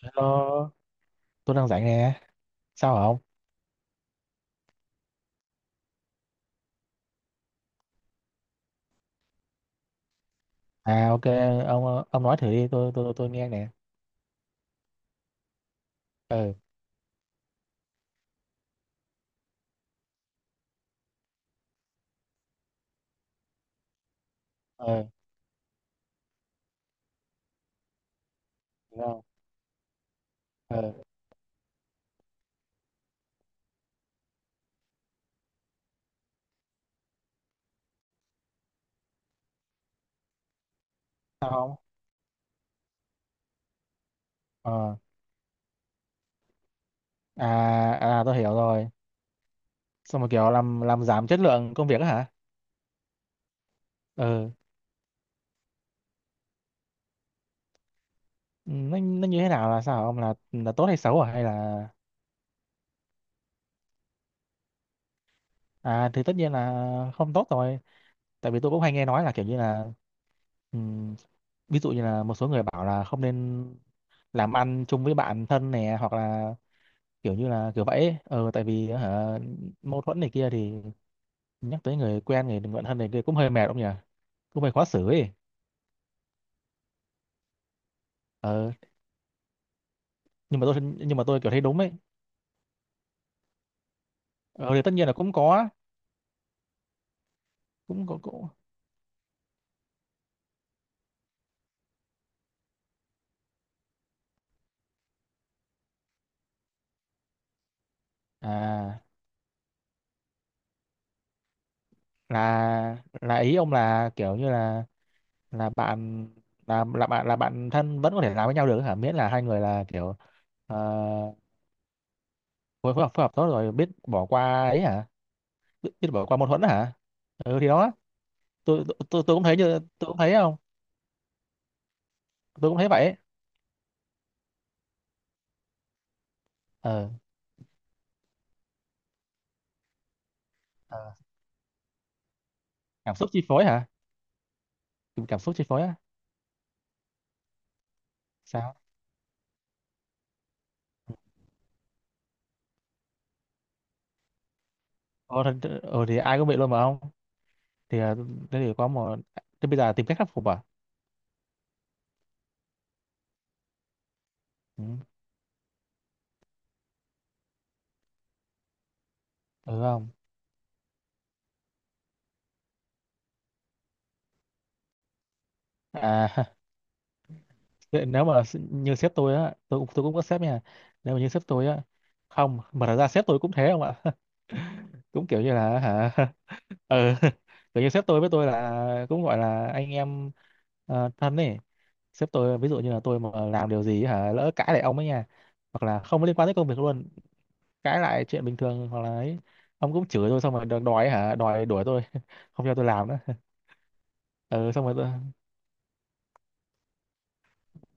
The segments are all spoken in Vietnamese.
Ờ, tôi đang rảnh nè. Sao hả ông? À ok, ông nói thử đi, tôi nghe nè. Ừ, ừ, đúng không? Ừ, sao không? Ờ, à à tôi hiểu rồi. Xong một kiểu làm giảm chất lượng công việc á hả? Ừ. Nó như thế nào là sao hả ông, là tốt hay xấu hả, hay là à thì tất nhiên là không tốt rồi. Tại vì tôi cũng hay nghe nói là kiểu như là ừm, ví dụ như là một số người bảo là không nên làm ăn chung với bạn thân nè, hoặc là kiểu như là kiểu vậy ấy. Ờ tại vì hả mâu thuẫn này kia thì nhắc tới người quen người bạn thân này kia cũng hơi mệt ông nhỉ, cũng hơi khó xử ấy. Ờ nhưng mà tôi, nhưng mà tôi kiểu thấy đúng ấy. Ờ thì tất nhiên là cũng có, cũng có cũng à là ý ông là kiểu như là bạn, là bạn, là bạn thân vẫn có thể làm với nhau được hả, miễn là hai người là kiểu ờ, phối phối hợp tốt rồi biết bỏ qua ấy hả, biết, biết bỏ qua mâu thuẫn hả, ừ thì đó. Tôi cũng thấy như tôi cũng thấy không, tôi cũng thấy vậy ấy. Ờ ờ, cảm xúc chi phối hả, cảm xúc chi phối á. Sao ờ, thật- ờ thì ai cũng bị luôn mà không. Thì ờ, thế thì có một, thế bây giờ tìm cách khắc phục à? Ừ, ừ không à. Thế nếu mà s- như sếp tôi á, tôi cũng có sếp nha, nếu mà như sếp tôi á, không mà thật ra sếp tôi cũng thế không ạ. Cũng kiểu như là hả, ừ kiểu như sếp tôi với tôi là cũng gọi là anh em ờ, thân ấy. Sếp tôi ví dụ như là tôi mà làm điều gì hả, lỡ cãi lại ông ấy nha, hoặc là không có liên quan tới công việc luôn, cãi lại chuyện bình thường hoặc là ấy, ông cũng chửi tôi xong rồi đòi đòi ấy hả, đòi đuổi tôi không cho tôi làm nữa. Ờ xong rồi tôi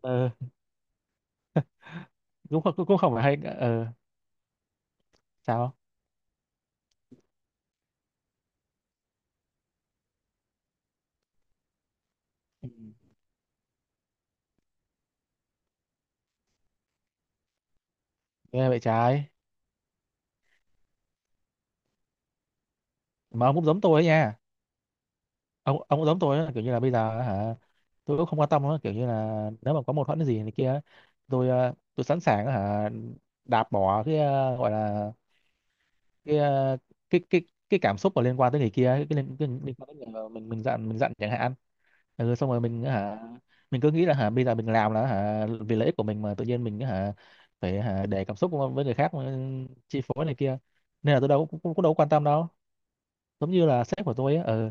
ờ cũng không- cũng cũng không phải hay ờ sao. Ừ. Nghe vậy trái mà ông cũng giống tôi ấy nha. Ông cũng giống tôi ấy, kiểu như là bây giờ hả, tôi cũng không quan tâm nữa, kiểu như là nếu mà có mâu thuẫn gì này kia, tôi ờ, tôi sẵn sàng hả đạp bỏ cái ờ, gọi là cái ờ, cái cái cảm xúc mà liên quan tới người kia, cái liên quan tới người mà mình giận, mình giận chẳng hạn. Ừ, xong rồi mình hả, mình cứ nghĩ là hả bây giờ mình làm là hả vì lợi ích của mình, mà tự nhiên mình hả phải hả để cảm xúc với người khác mà chi phối này kia, nên là tôi đâu cũng, cũng, cũng đâu có quan tâm đâu, giống như là sếp của tôi á. Ừ,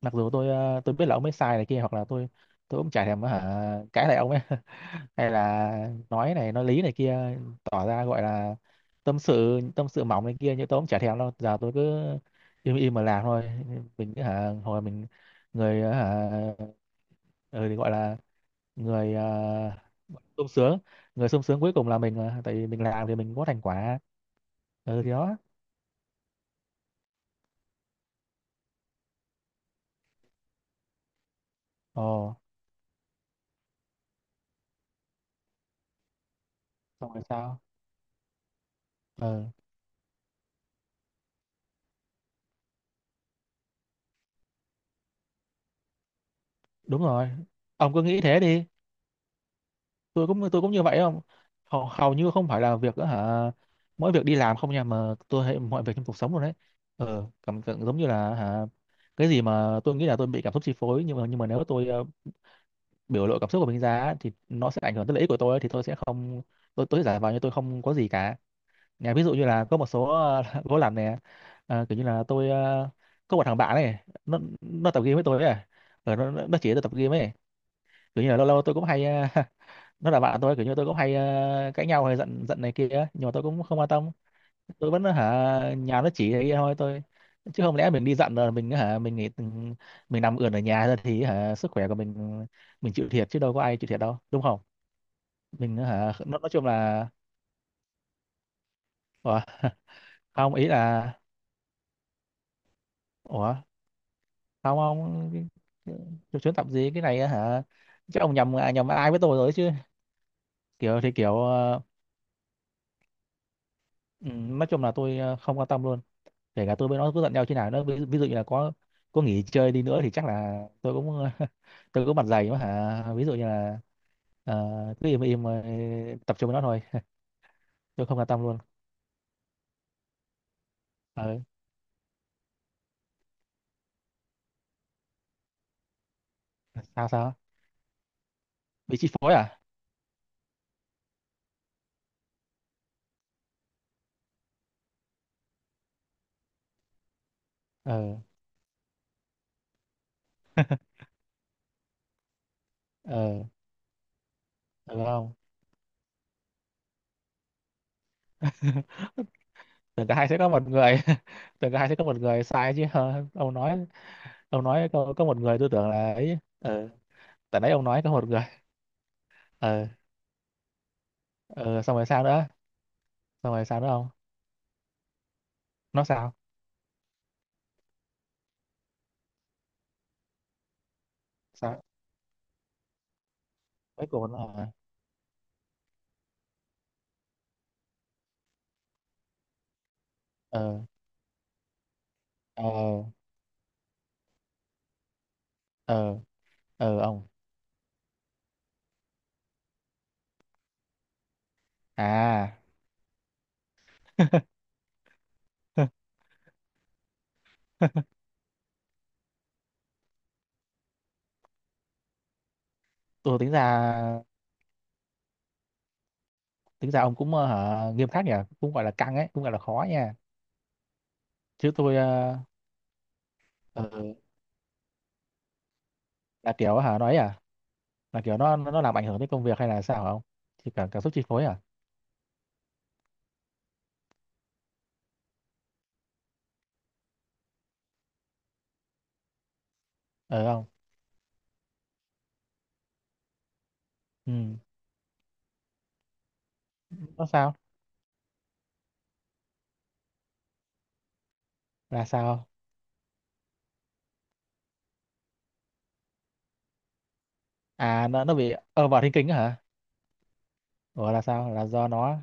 mặc dù tôi ờ, tôi biết là ông ấy sai này kia hoặc là tôi cũng chả thèm hả cãi lại ông ấy hay là nói này nói lý này kia, tỏ ra gọi là tâm sự, tâm sự mỏng này kia, nhưng tôi cũng chả thèm đâu, giờ tôi cứ im im mà làm thôi. Mình hả hồi mình, người hả, ừ, thì gọi là người sung sướng, người sung sướng cuối cùng là mình mà, tại vì mình làm thì mình có thành quả. Ừ thì đó. Ồ, xong rồi sao? Ừ đúng rồi, ông cứ nghĩ thế đi. Tôi cũng, tôi cũng như vậy không. Hầu, hầu như không phải là việc đó, hả, mỗi việc đi làm không nha, mà tôi thấy mọi việc trong cuộc sống luôn đấy. Ừ cảm tưởng giống như là hả cái gì mà tôi nghĩ là tôi bị cảm xúc chi phối, nhưng mà nếu tôi ờ, biểu lộ cảm xúc của mình ra á, thì nó sẽ ảnh hưởng tới lợi ích của tôi ấy, thì tôi sẽ không, tôi sẽ giả vờ như tôi không có gì cả. Nhà ví dụ như là có một số ờ, gỗ lặn này. Ờ, kiểu như là tôi ờ, có một thằng bạn này, nó tập game với tôi ấy. Ờ, nó chỉ tôi tập game ấy, kiểu như là lâu lâu tôi cũng hay ờ, nó là bạn tôi, kiểu như tôi cũng hay ờ, cãi nhau hay giận, giận này kia ấy. Nhưng mà tôi cũng không quan tâm, tôi vẫn hả nhà nó chỉ này thôi tôi, chứ không lẽ mình đi giận rồi mình hả mình nghỉ, mình nằm ườn ở nhà ra thì hả sức khỏe của mình chịu thiệt chứ đâu có ai chịu thiệt đâu, đúng không? Mình hả nó nói chung là Ủa? Không ý là Ủa, không không cái- cái- cái chuyến tập gì cái này á hả, chắc ông nhầm, à, nhầm ai với tôi rồi chứ. Kiểu thì kiểu ờ, ừ, nói chung là tôi ờ, không quan tâm luôn, kể cả tôi với nó cứ giận nhau thế nào nữa, ví, ví dụ như là có nghỉ chơi đi nữa thì chắc là tôi cũng tôi cũng mặt dày mà hả, ví dụ như là ờ, cứ im im ờ, tập trung với nó thôi, tôi không quan tâm luôn. Ờ, sao sao, bị chi phối à? Ờ ờ được không. Tưởng cả hai sẽ có một người tưởng cả hai sẽ có một người sai chứ, ờ, ông nói, ông nói có một người, tôi tưởng là ấy. Ờ tại nãy ông nói có một người ờ. Ờ xong rồi sao nữa, xong rồi sao nữa ông, nó sao? Sao mấy cùng nó. Ờ ờ ờ ờ ờ ông à. Tôi tính ra, tính ra ông cũng ờ, hả, nghiêm khắc nhỉ, cũng gọi là căng ấy, cũng gọi là khó nha. Chứ tôi ờ, ờ, là kiểu hả nói à, là kiểu nó làm ảnh hưởng tới công việc hay là sao hả ông, thì cả cảm xúc chi phối à? Ờ không, ừ nó sao, là sao à, nó bị ờ vào thiên kinh á hả, gọi là sao là do nó,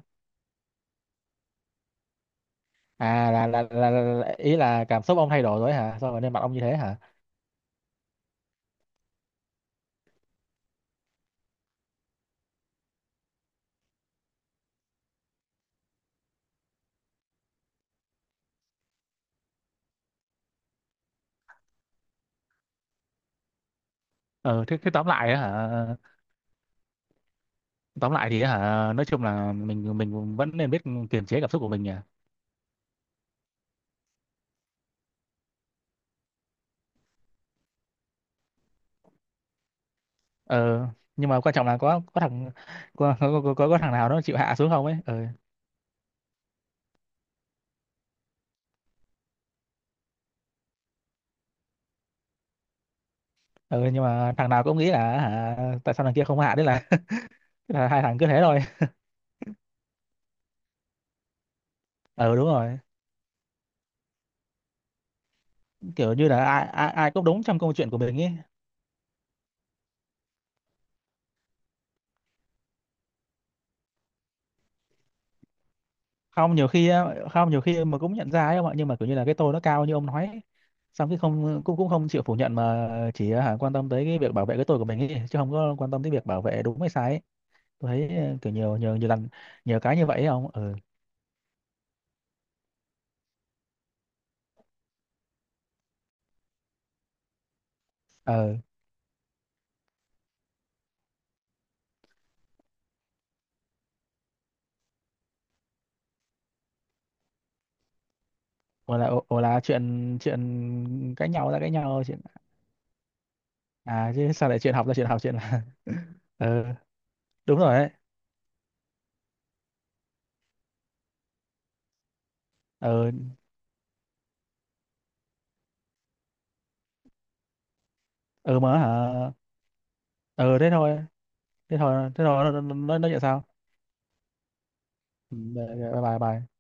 à là ý là cảm xúc ông thay đổi rồi hả sao mà nên mặt ông như thế hả? Ờ thế, thế tóm lại á hả, tóm lại thì á hả nói chung là mình vẫn nên biết kiềm chế cảm xúc của mình nhỉ. Ờ nhưng mà quan trọng là có thằng, có thằng nào nó chịu hạ xuống không ấy ờ. Ờ nhưng mà thằng nào cũng nghĩ là hả tại sao thằng kia không hạ đấy là hai thằng cứ thế thôi. Ờ đúng rồi, kiểu như là ai ai ai cũng đúng trong câu chuyện của mình ấy. Không nhiều khi á- không nhiều khi mà cũng nhận ra ấy ông ạ, nhưng mà kiểu như là cái tôi nó cao như ông nói ấy. Xong cái không cũng cũng không chịu phủ nhận mà chỉ à, hả, quan tâm tới cái việc bảo vệ cái tôi của mình ấy, chứ không có quan tâm tới việc bảo vệ đúng hay sai ấy. Tôi thấy ờ, kiểu nhiều nhiều nhiều lần, nhiều cái như vậy ấy ông. Ừ ờ. Hoặc là, hoặc là chuyện, chuyện cãi nhau ra cãi nhau, chuyện à, chứ sao lại chuyện học ra chuyện học, chuyện là ừ đúng rồi ấy. Ừ ừ mà hả, ừ thế thôi, thế thôi, thế thôi nó nhận sao. Ừ, bye bye bye.